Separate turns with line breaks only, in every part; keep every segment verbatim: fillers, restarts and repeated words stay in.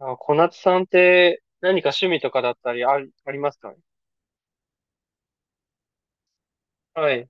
あ、小夏さんって何か趣味とかだったりあり、ありますか？はい。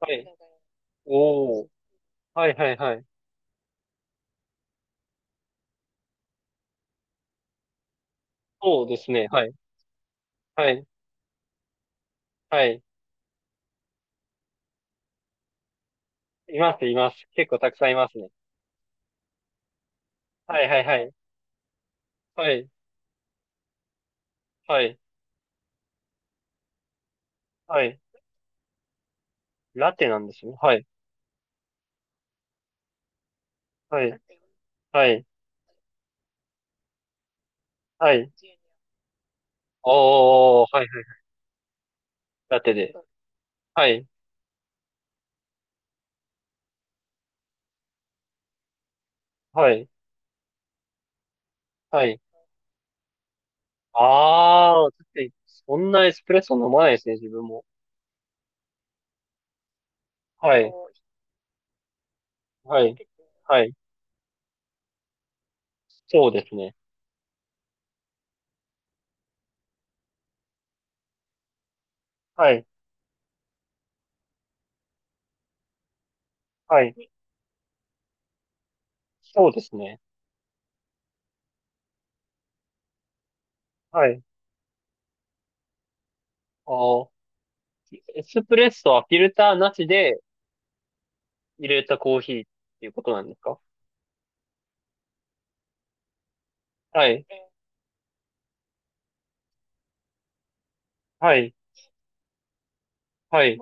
はい。おー。はいはいはい。そうですね。はい。はい。はい。います、います。結構たくさんいますね。はいはいはい。はい。はい。はい。ラテなんですね。はい。はい。はい。はい。おー。はいはい。ラテで。はい。はい。はい。あー。だってそんなエスプレッソ飲まないですね、自分も。はい。はい。はい。そうですね。はい。はい。そうですね。はい。あー、エスプレッソはフィルターなしで入れたコーヒーっていうことなんですか？はい。はい。はい。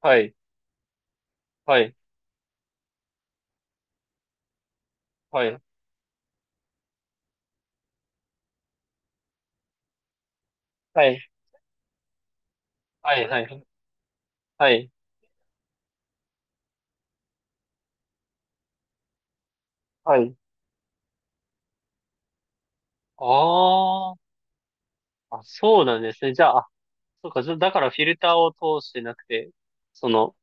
はい。はい。はい。はい。はい。はい。はい。はい。ああ。あ、そうなんですね。じゃあ、あ、そうか。じゃ、だからフィルターを通してなくて、その、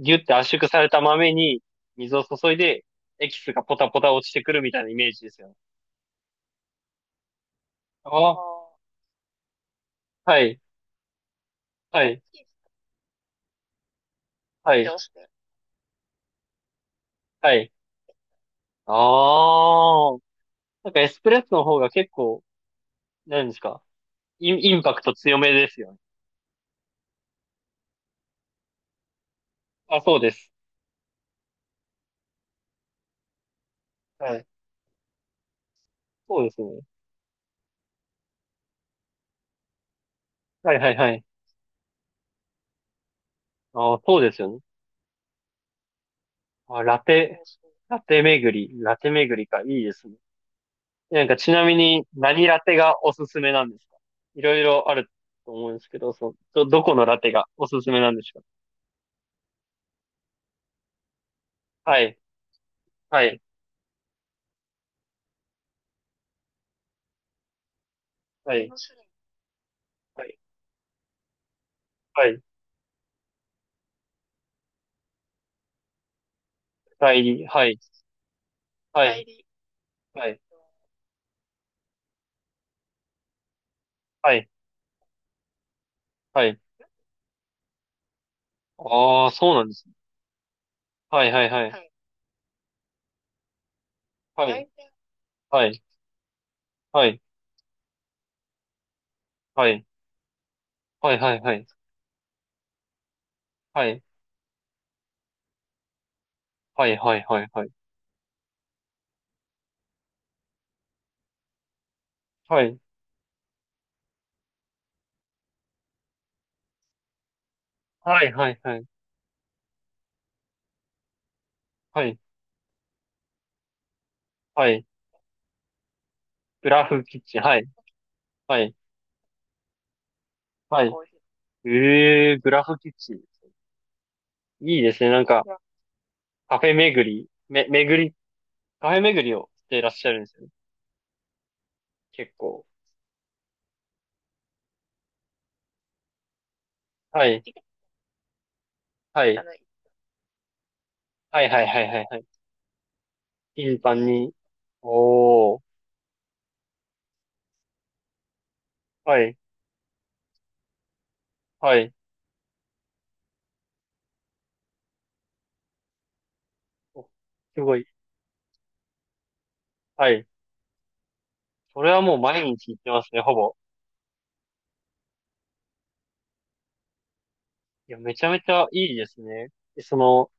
ギュって圧縮された豆に水を注いで、エキスがポタポタ落ちてくるみたいなイメージですよね。ああ。はい。はい。はい。はい。ああ。なんかエスプレッソの方が結構、何ですか、イン、インパクト強めですよね。あ、そうです。はい。そうですね。はいはいはい。あ、そうですよね。あ、ラテ、ラテ巡り、ラテ巡りか。いいですね。なんかちなみに何ラテがおすすめなんですか？いろいろあると思うんですけど、その、ど、どこのラテがおすすめなんですか？はい。はい。はい。はい。はい。代理。はい。はい。はい。はい。はい。ああ、そうなんですね。はいはいはい。はい。はい。はい、はい、はい、はい、はい、はい、はい、はい、はい、はい、はい、はい、はい、はい、はい、はい、グラフキッチン、はい、はい、はい。ええー、グラフキッチン。いいですね。なんか、カフェ巡り、め、巡り、カフェ巡りをしていらっしゃるんですよね。結構。はい、はい、はい、はい、はい、はい、はい。頻繁に。おー、はい、はい。お、すごい。はい。それはもう毎日行ってますね、ほぼ。いや、めちゃめちゃいいですね。で、その、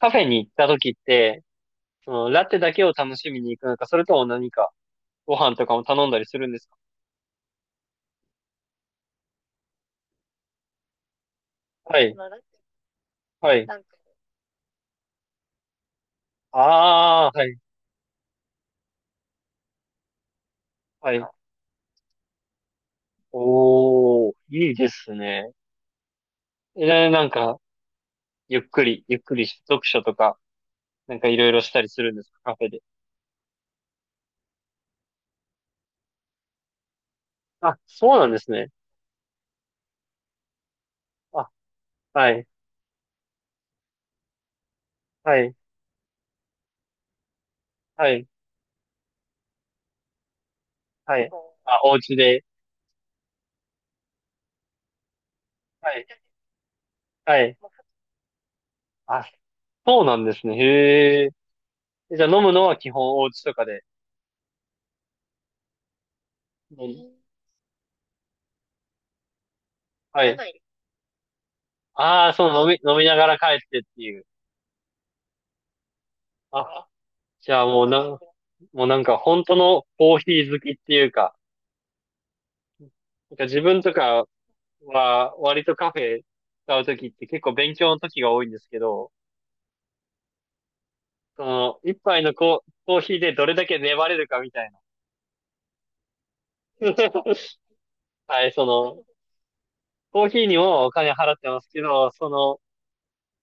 カフェに行った時って、その、ラテだけを楽しみに行くのか、それとも何か、ご飯とかも頼んだりするんですか？はい、、、はい。か、ああ、はい、はい。おー、いいですね。え、なんか、ゆっくり、ゆっくり読書とか、なんかいろいろしたりするんですか、カフェで。あ、そうなんですね。あ、はい、はい、はい、はい。あ、お家で。はい、はい。あ、そうなんですね。へえ。え、じゃあ飲むのは基本お家とかで。う、ん、はい。ああ、そう、飲み、飲みながら帰ってっていう。あ、じゃあもうなん、もうなんか本当のコーヒー好きっていうか、なんか自分とかは割とカフェ使うときって結構勉強の時が多いんですけど、その、一杯のコ、コーヒーでどれだけ粘れるかみたいな。はい、その、コーヒーにもお金払ってますけど、その、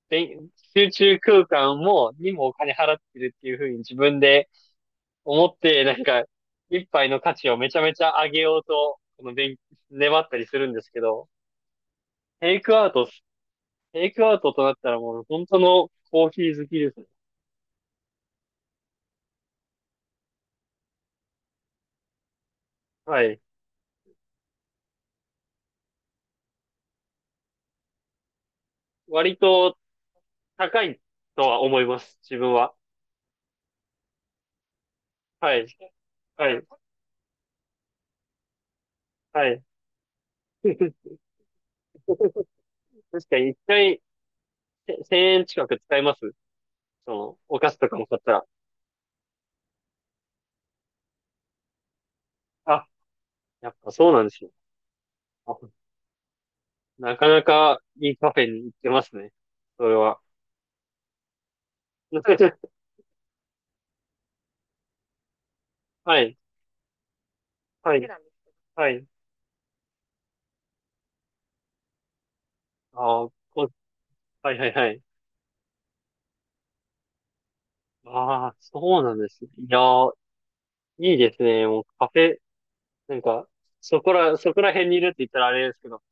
勉集中空間も、にもお金払ってるっていうふうに自分で思って、なんか、一杯の価値をめちゃめちゃ上げようと、この勉、粘ったりするんですけど、テイクアウト、テイクアウトとなったらもう本当のコーヒー好きですね。はい。割と高いとは思います、自分は。はい、はい、はい。確かに一回、せせんえん近く使います、その、お菓子とかも買ったら。あ、やっぱそうなんですよ。あ、なかなかいいカフェに行ってますね、それは。はい、はい、はい。ああ、こ、はいはいはい。ああ、そうなんですね。いやー、いいですね。もうカフェ、なんか、そこら、そこら辺にいるって言ったらあれですけど、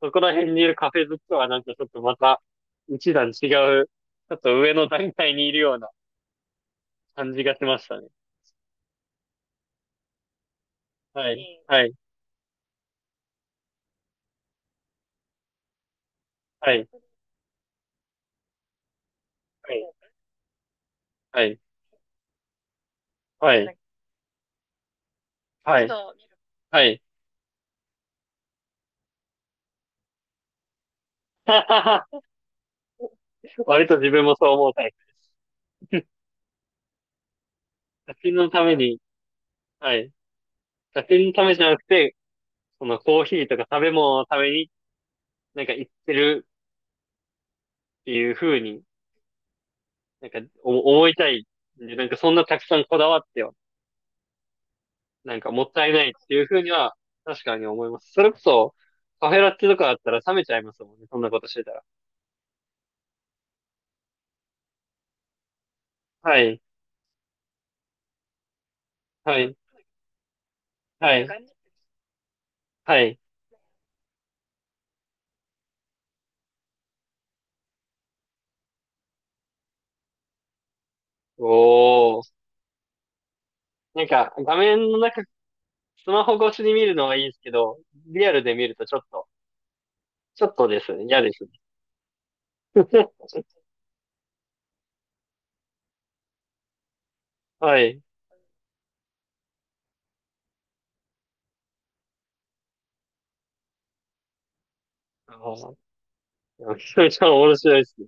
そこら辺にいるカフェ好きとはなんかちょっとまた、一段違う、ちょっと上の段階にいるような感じがしましたね。はい、はい、はい、はい、はい、はい、はい。割と自分もそう思うタイプです。写真のために、はい。写真のためじゃなくて、そのコーヒーとか食べ物のためになんか行ってるっていう風に、なんかお思いたいんで、なんかそんなたくさんこだわっては、なんかもったいないっていう風には、確かに思います。それこそ、カフェラテとかだったら冷めちゃいますもんね、そんなことしてたら。はい、はい、はい、はい。おー。なんか、画面の中、スマホ越しに見るのはいいですけど、リアルで見るとちょっと、ちょっとですね、嫌ですね。はい。あー、めちゃめちゃ面白いですね。